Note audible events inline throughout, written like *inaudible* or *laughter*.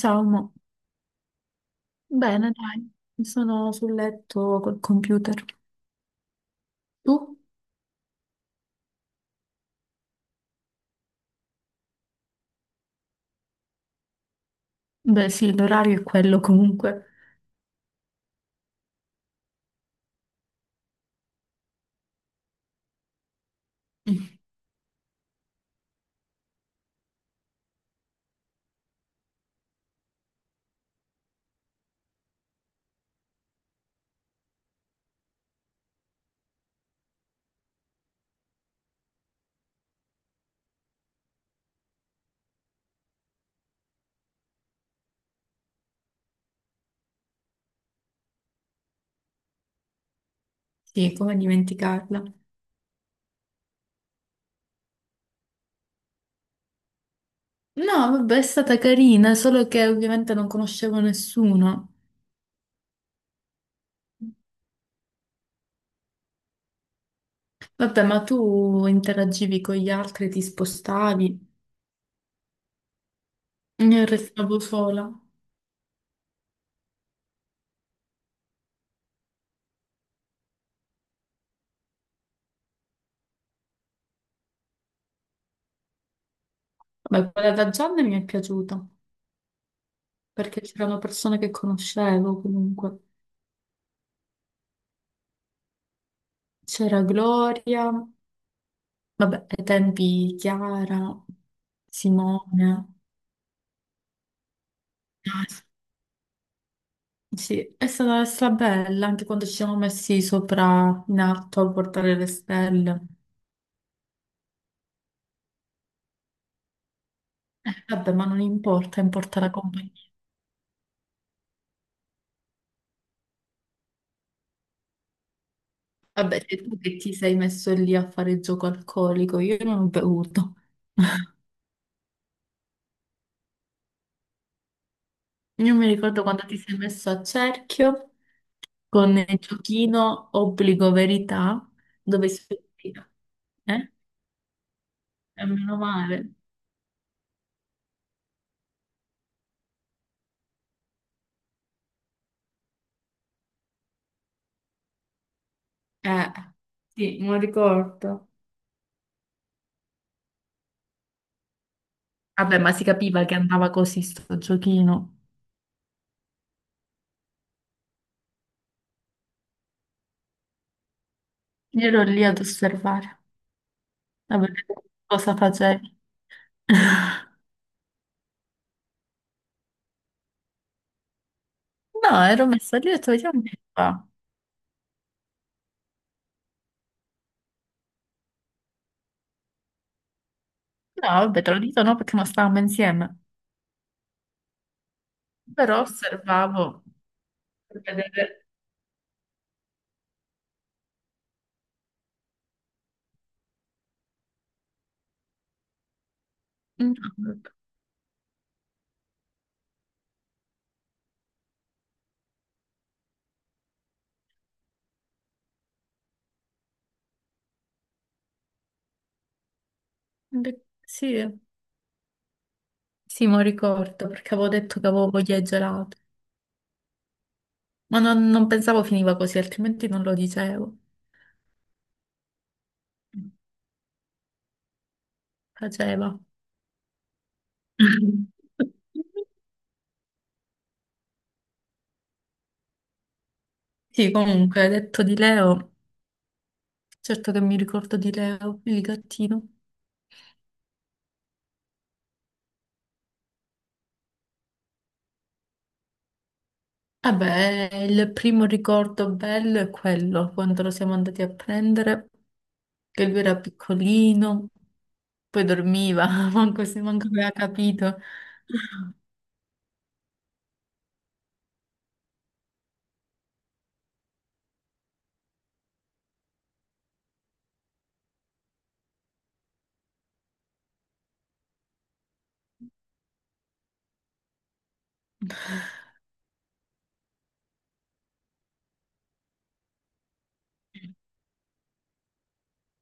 Ciao, mo. Bene, dai, sono sul letto col computer. Tu? Beh, sì, l'orario è quello comunque. Mm. Sì, come dimenticarla. No, vabbè, è stata carina, solo che ovviamente non conoscevo nessuno. Vabbè, ma tu interagivi con gli altri, ti spostavi, io restavo sola. Vabbè, quella da Gianni mi è piaciuta, perché c'erano persone che conoscevo comunque. C'era Gloria. Vabbè, ai tempi Chiara, Simone, ah, sì, è stata bella anche quando ci siamo messi sopra in alto a portare le stelle. Vabbè, ma non importa, importa la compagnia. Vabbè, sei tu che ti sei messo lì a fare gioco alcolico, io non ho bevuto. *laughs* Io mi ricordo quando ti sei messo a cerchio con il giochino obbligo verità, dove si... Eh? E meno male. Eh, sì, me lo ricordo. Vabbè, ma si capiva che andava così sto giochino. Io ero lì ad osservare, a vedere cosa facevi. *laughs* No, ero messa lì e ho detto, vediamo che fa. No, vabbè, te lo dico no perché non stavamo insieme. Però osservavo per vedere. Mm, beh, sì, sì, me lo ricordo perché avevo detto che avevo voglia di gelato. Ma non pensavo finiva così, altrimenti non lo dicevo. Faceva. *laughs* Sì, comunque, detto di Leo. Certo che mi ricordo di Leo, il gattino. Vabbè, il primo ricordo bello è quello, quando lo siamo andati a prendere, che lui era piccolino, poi dormiva, *laughs* manco, manco aveva capito.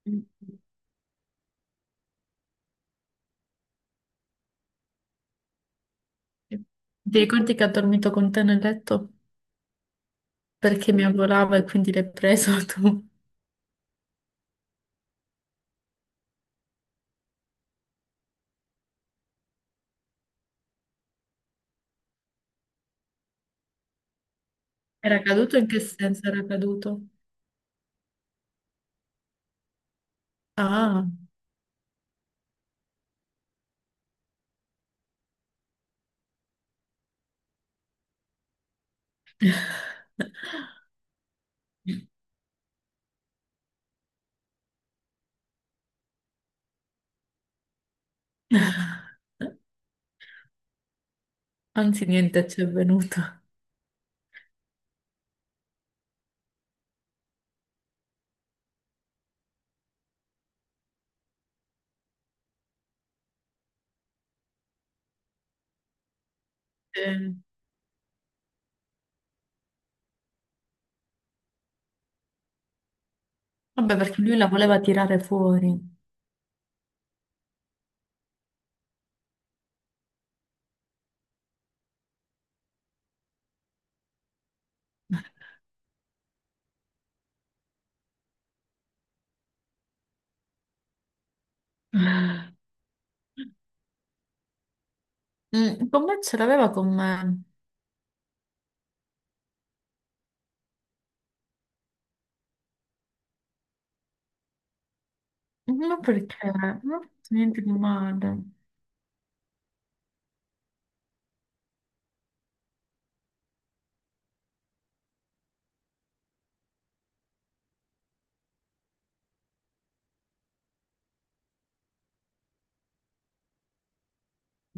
Ti ricordi che ha dormito con te nel letto? Perché mi avvolava e quindi l'hai preso *laughs* tu. Era caduto? In che senso era caduto? Ah, *laughs* anzi niente ci è venuto. Eh. Vabbè, perché lui la voleva tirare fuori. Mm, con me ce l'aveva con me. Ma perché? Non ho fatto niente di male.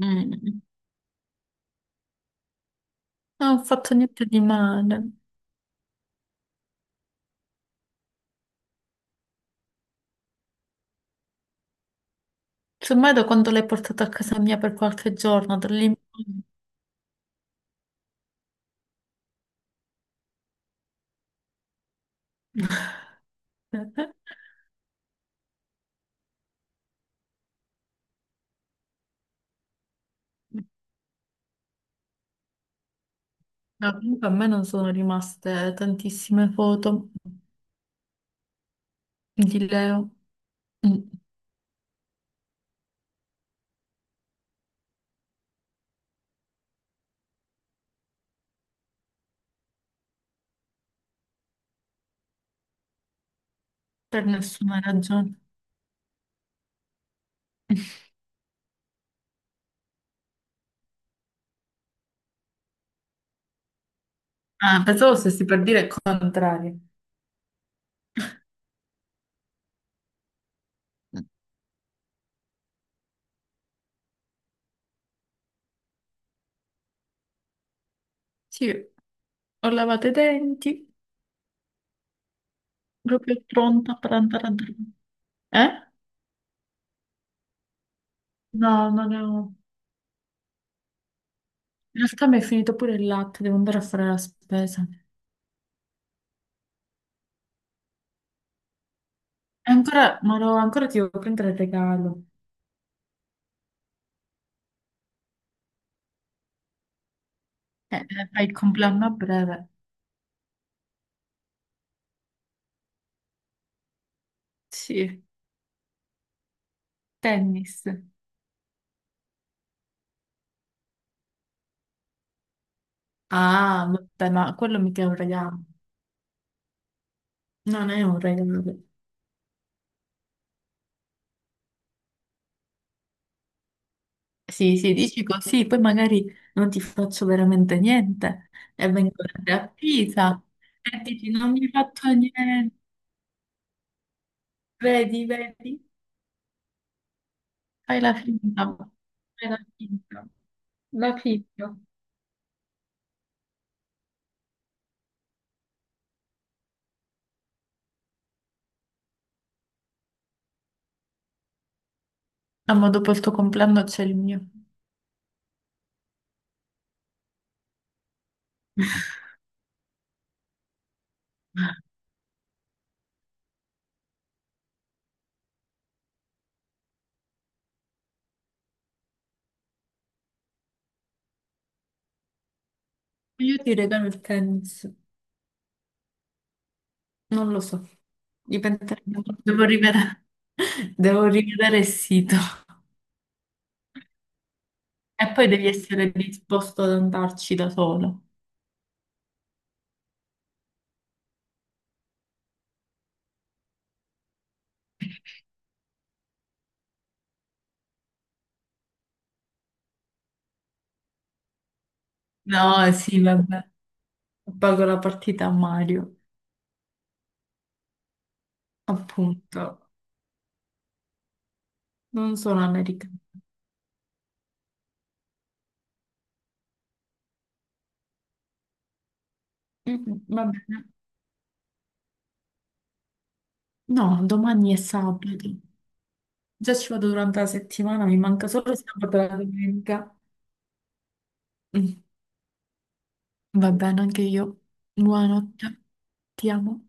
Mm. Non ho fatto niente di male. Semmai da quando l'hai portato a casa mia per qualche giorno, da lì in poi. *laughs* No, comunque a me non sono rimaste tantissime foto di Leo. Mm, per nessuna ragione. *laughs* Ah, pensavo stessi per dire il contrario. Sì, ho lavato i denti, proprio pronta per andare a dormire. Eh? No, non ne ho. In realtà mi è finito pure il latte, devo andare a fare la spesa. E ancora, ma no, ancora ti devo prendere il regalo. Fai il compleanno a breve. Sì. Tennis. Ah, vabbè, ma quello mica è un regalo. Non è un regalo. Sì, sì, dici così, poi magari non ti faccio veramente niente e vengo da te a Pisa e dici non mi hai fatto niente, vedi, vedi. Fai la finta, fai la finta. La figlio. Ah, ma dopo il tuo compleanno c'è il mio. *laughs* Io ti regalo il tennis. Non lo so. Diventerà molto. Devo rivedere, *laughs* devo rivedere il sito. E poi devi essere disposto ad andarci da solo. No, sì, vabbè. Pago la partita a Mario, appunto. Non sono americana. Mm, mm, va bene. No, domani è sabato. Già ci vado durante la settimana, mi manca solo sabato e la domenica. Mm, va bene, anche io. Buonanotte, ti amo.